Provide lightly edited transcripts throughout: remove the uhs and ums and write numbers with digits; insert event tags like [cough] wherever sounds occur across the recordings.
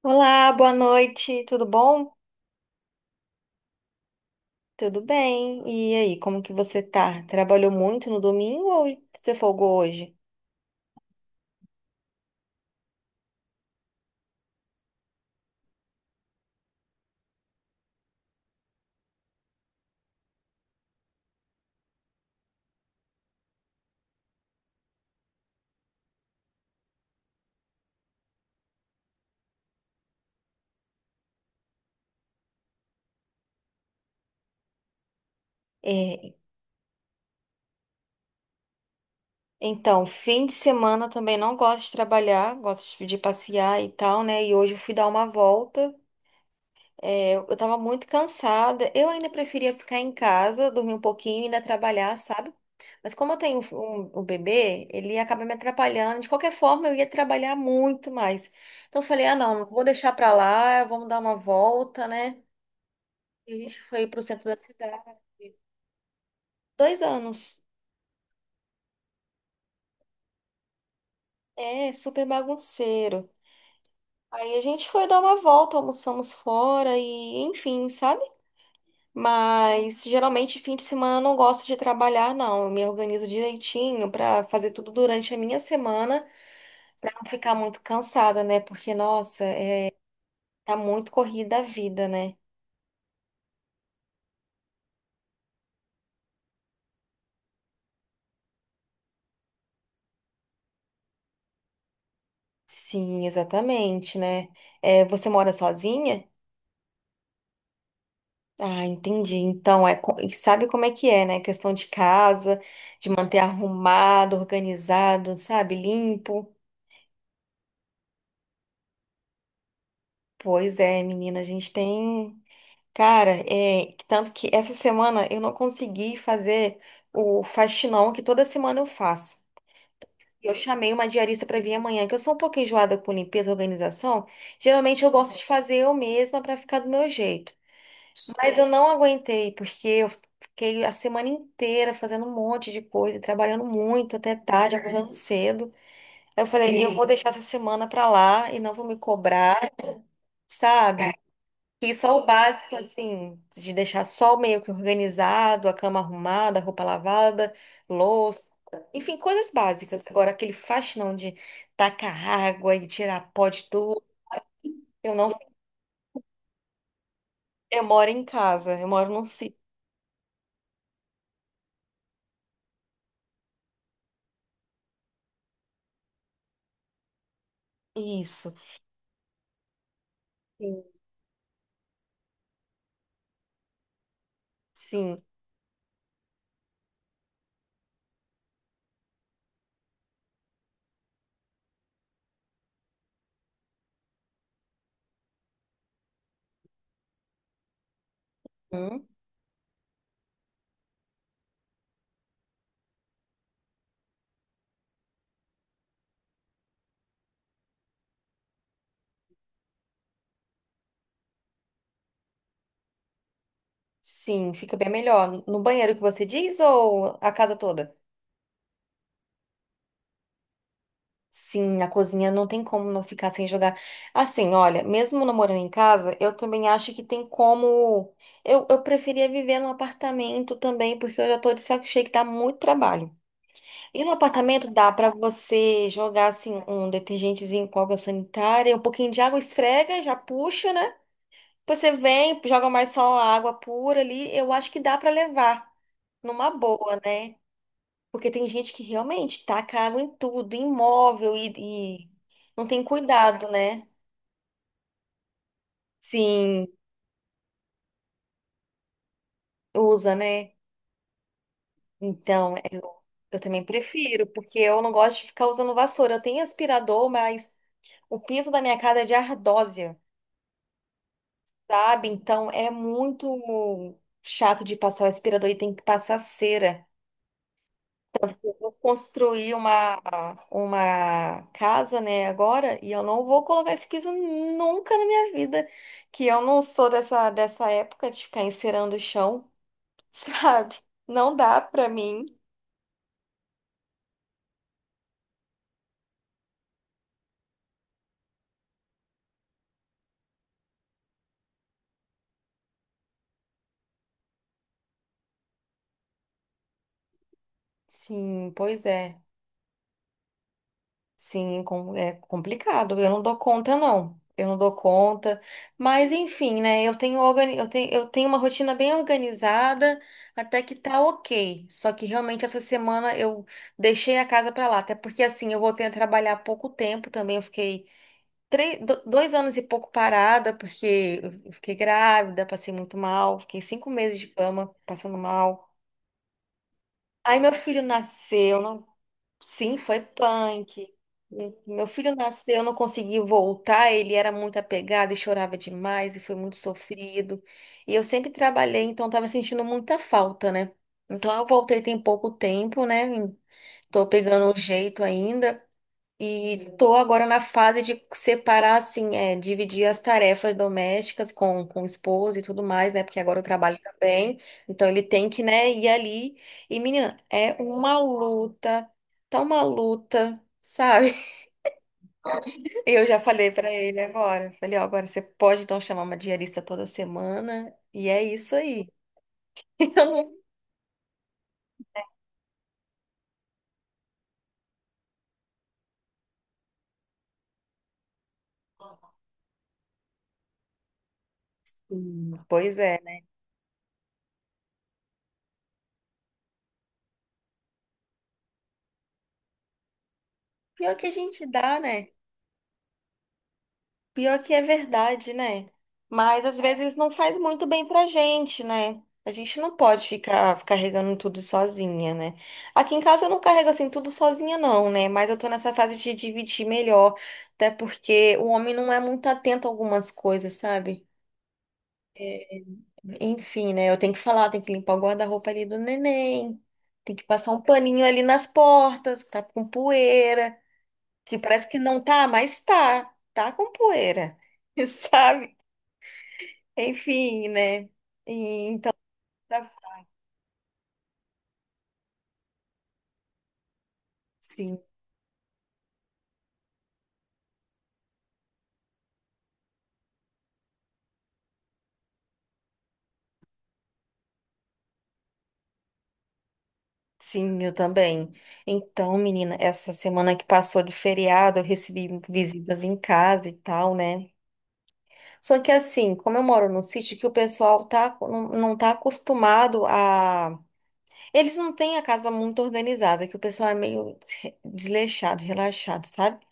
Olá, boa noite, tudo bom? Tudo bem. E aí, como que você tá? Trabalhou muito no domingo ou você folgou hoje? É, então, fim de semana eu também não gosto de trabalhar, gosto de passear e tal, né? E hoje eu fui dar uma volta. É, eu tava muito cansada. Eu ainda preferia ficar em casa, dormir um pouquinho e ainda trabalhar, sabe? Mas como eu tenho um bebê, ele acaba me atrapalhando. De qualquer forma, eu ia trabalhar muito mais. Então eu falei, ah, não, vou deixar pra lá, vamos dar uma volta, né? E a gente foi pro centro da cidade. 2 anos. É, super bagunceiro. Aí a gente foi dar uma volta, almoçamos fora e, enfim, sabe? Mas geralmente fim de semana eu não gosto de trabalhar, não. Eu me organizo direitinho para fazer tudo durante a minha semana, para não ficar muito cansada, né? Porque, nossa, tá muito corrida a vida, né? Sim, exatamente, né? É, você mora sozinha? Ah, entendi. Então, e sabe como é que é, né? Questão de casa, de manter arrumado, organizado, sabe? Limpo. Pois é, menina, a gente tem. Cara, é, tanto que essa semana eu não consegui fazer o faxinão que toda semana eu faço. Eu chamei uma diarista para vir amanhã, que eu sou um pouco enjoada com limpeza e organização. Geralmente eu gosto de fazer eu mesma para ficar do meu jeito. Mas eu não aguentei, porque eu fiquei a semana inteira fazendo um monte de coisa, trabalhando muito até tarde, acordando cedo. Eu falei, eu vou deixar essa semana para lá e não vou me cobrar, sabe? E só o básico, assim, de deixar só o meio que organizado, a cama arrumada, a roupa lavada, louça, enfim, coisas básicas. Agora, aquele faxinão de tacar água e tirar pó de tudo, eu não. Eu moro em casa, eu moro num sítio. Isso. Sim. Sim. Hum? Sim, fica bem melhor. No banheiro que você diz ou a casa toda? Sim, na cozinha não tem como não ficar sem jogar. Assim, olha, mesmo não morando em casa, eu também acho que tem como. Eu preferia viver num apartamento também, porque eu já tô de saco cheio que dá muito trabalho. E no apartamento dá pra você jogar, assim, um detergentezinho com água sanitária, um pouquinho de água, esfrega, já puxa, né? Você vem, joga mais só a água pura ali. Eu acho que dá pra levar numa boa, né? Porque tem gente que realmente taca água em tudo, em móvel e não tem cuidado, né? Sim, usa, né? Então, eu também prefiro, porque eu não gosto de ficar usando vassoura. Eu tenho aspirador, mas o piso da minha casa é de ardósia, sabe? Então, é muito chato de passar o aspirador e tem que passar cera. Vou construir uma casa, né, agora, e eu não vou colocar esse piso nunca na minha vida, que eu não sou dessa época de ficar encerando o chão, [laughs] sabe? Não dá pra mim. Sim, pois é. Sim, é complicado. Eu não dou conta, não. Eu não dou conta. Mas, enfim, né? Eu tenho uma rotina bem organizada, até que tá ok. Só que realmente essa semana eu deixei a casa pra lá. Até porque, assim, eu voltei a trabalhar há pouco tempo também. Eu fiquei 2 anos e pouco parada, porque eu fiquei grávida, passei muito mal. Fiquei 5 meses de cama, passando mal. Aí meu filho nasceu, não. Sim, foi punk. Meu filho nasceu, eu não consegui voltar, ele era muito apegado e chorava demais e foi muito sofrido. E eu sempre trabalhei, então estava sentindo muita falta, né? Então eu voltei tem pouco tempo, né? Tô pegando o jeito ainda. E tô agora na fase de separar, assim, é, dividir as tarefas domésticas com o esposo e tudo mais, né? Porque agora eu trabalho também, então ele tem que, né, ir ali. E, menina, é uma luta, tá uma luta, sabe? [laughs] Eu já falei pra ele agora. Falei, ó, agora você pode então chamar uma diarista toda semana, e é isso aí. [laughs] Eu não- Pois é, né? Pior que a gente dá, né? Pior que é verdade, né? Mas às vezes não faz muito bem pra gente, né? A gente não pode ficar carregando tudo sozinha, né? Aqui em casa eu não carrego assim tudo sozinha, não, né? Mas eu tô nessa fase de dividir melhor, até porque o homem não é muito atento a algumas coisas, sabe? É, enfim, né? Eu tenho que falar, tenho que limpar o guarda-roupa ali do neném, tem que passar um paninho ali nas portas, que tá com poeira, que parece que não tá, mas tá com poeira. [laughs] Sabe? Enfim, né? E então, tá- sim, sim, eu também. Então, menina, essa semana que passou de feriado, eu recebi visitas em casa e tal, né? Só que assim, como eu moro num sítio que o pessoal tá, não, não tá acostumado a. Eles não têm a casa muito organizada, que o pessoal é meio desleixado, relaxado, sabe?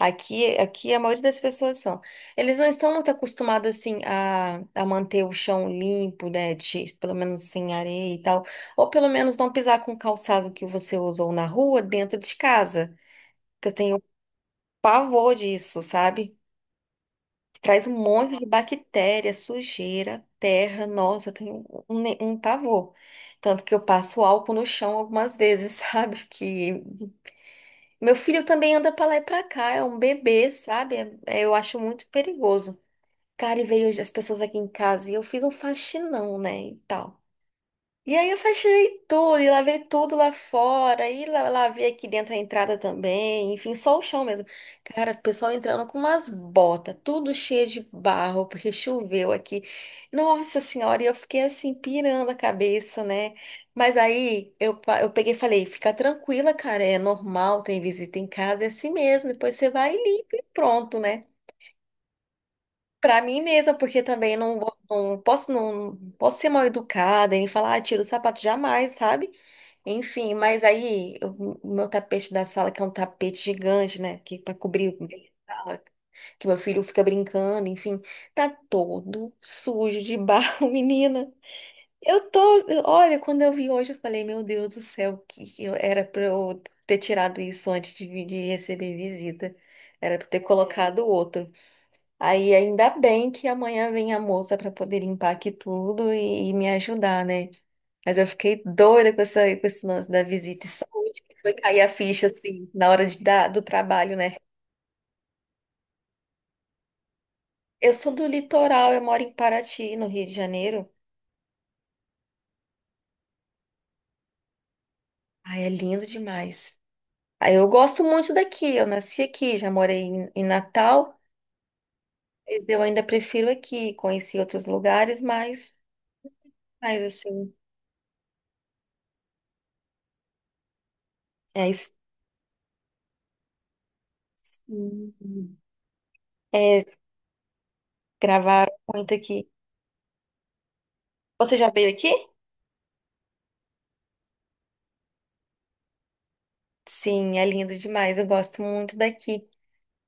Aqui a maioria das pessoas são. Eles não estão muito acostumados assim a manter o chão limpo, né? De, pelo menos sem areia e tal. Ou pelo menos não pisar com o calçado que você usou na rua dentro de casa. Que eu tenho pavor disso, sabe? Traz um monte de bactéria, sujeira, terra. Nossa, eu tenho um pavor. Tanto que eu passo álcool no chão algumas vezes, [laughs] sabe? Que meu filho também anda pra lá e pra cá, é um bebê, sabe? Eu acho muito perigoso. Cara, e veio as pessoas aqui em casa e eu fiz um faxinão, né, e tal. E aí eu faxinei tudo e lavei tudo lá fora e lavei aqui dentro a entrada também, enfim, só o chão mesmo. Cara, o pessoal entrando com umas botas, tudo cheio de barro, porque choveu aqui. Nossa senhora, e eu fiquei assim, pirando a cabeça, né? Mas aí eu peguei e falei, fica tranquila, cara, é normal, tem visita em casa, é assim mesmo, depois você vai e limpa e pronto, né? Pra mim mesma, porque também não, não posso ser mal educada e falar, ah, tira o sapato jamais, sabe? Enfim, mas o meu tapete da sala, que é um tapete gigante, né? Que para cobrir bem a sala, que meu filho fica brincando, enfim, tá todo sujo de barro, [laughs] menina. Eu tô, olha, quando eu vi hoje, eu falei, meu Deus do céu, que eu era pra eu ter tirado isso antes de, de receber visita. Era pra eu ter colocado outro. Aí ainda bem que amanhã vem a moça para poder limpar aqui tudo e me ajudar, né? Mas eu fiquei doida com essa, com esse lance da visita e saúde, que foi cair a ficha assim na hora do trabalho, né? Eu sou do litoral, eu moro em Paraty, no Rio de Janeiro. Ai, é lindo demais. Aí eu gosto muito daqui, eu nasci aqui, já morei em Natal, mas eu ainda prefiro aqui, conheci outros lugares, mas, mas assim, é, es- é gravar muito aqui. Você já veio aqui? Sim, é lindo demais. Eu gosto muito daqui.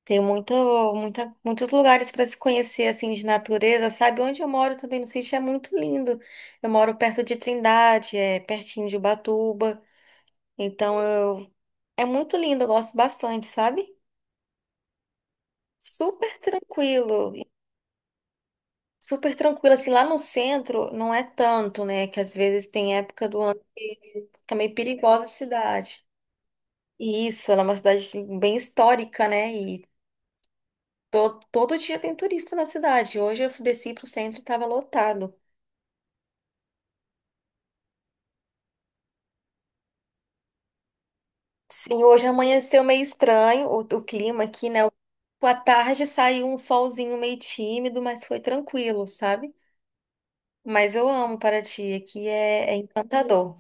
Tem muitos lugares para se conhecer assim de natureza, sabe? Onde eu moro também no sítio é muito lindo. Eu moro perto de Trindade, é pertinho de Ubatuba. Então eu é muito lindo, eu gosto bastante, sabe? Super tranquilo. Super tranquilo assim lá no centro não é tanto, né? Que às vezes tem época do ano que é meio perigosa a cidade. E isso, ela é uma cidade assim, bem histórica, né? E todo dia tem turista na cidade. Hoje eu desci pro centro e estava lotado. Sim, hoje amanheceu meio estranho o clima aqui, né? À tarde saiu um solzinho meio tímido, mas foi tranquilo, sabe? Mas eu amo Paraty, aqui é encantador.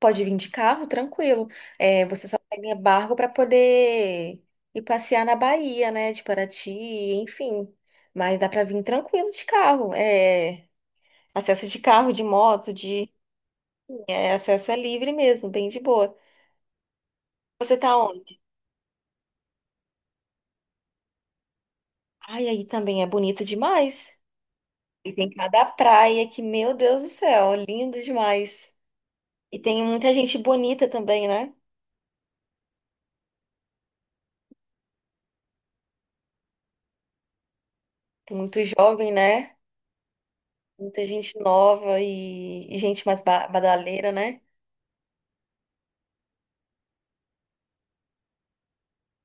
Pode vir de carro, tranquilo. É, você só pega barco para poder ir passear na Bahia, né? De Paraty, enfim. Mas dá para vir tranquilo de carro. É, acesso de carro, de moto, de. É, acesso é livre mesmo, bem de boa. Você tá onde? Ai, aí também é bonito demais. E tem cada praia que, meu Deus do céu, lindo demais. E tem muita gente bonita também, né? Tem muito jovem, né? Muita gente nova e gente mais badaleira, né?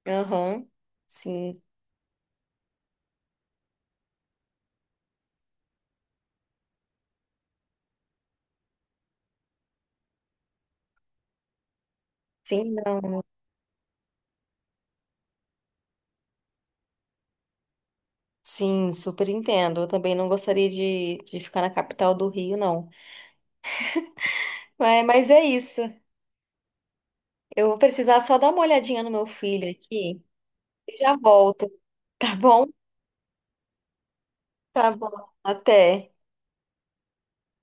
Aham. Sim, sim, não. Sim, super entendo. Eu também não gostaria de ficar na capital do Rio, não. Mas é isso. Eu vou precisar só dar uma olhadinha no meu filho aqui e já volto. Tá bom? Tá bom. Até.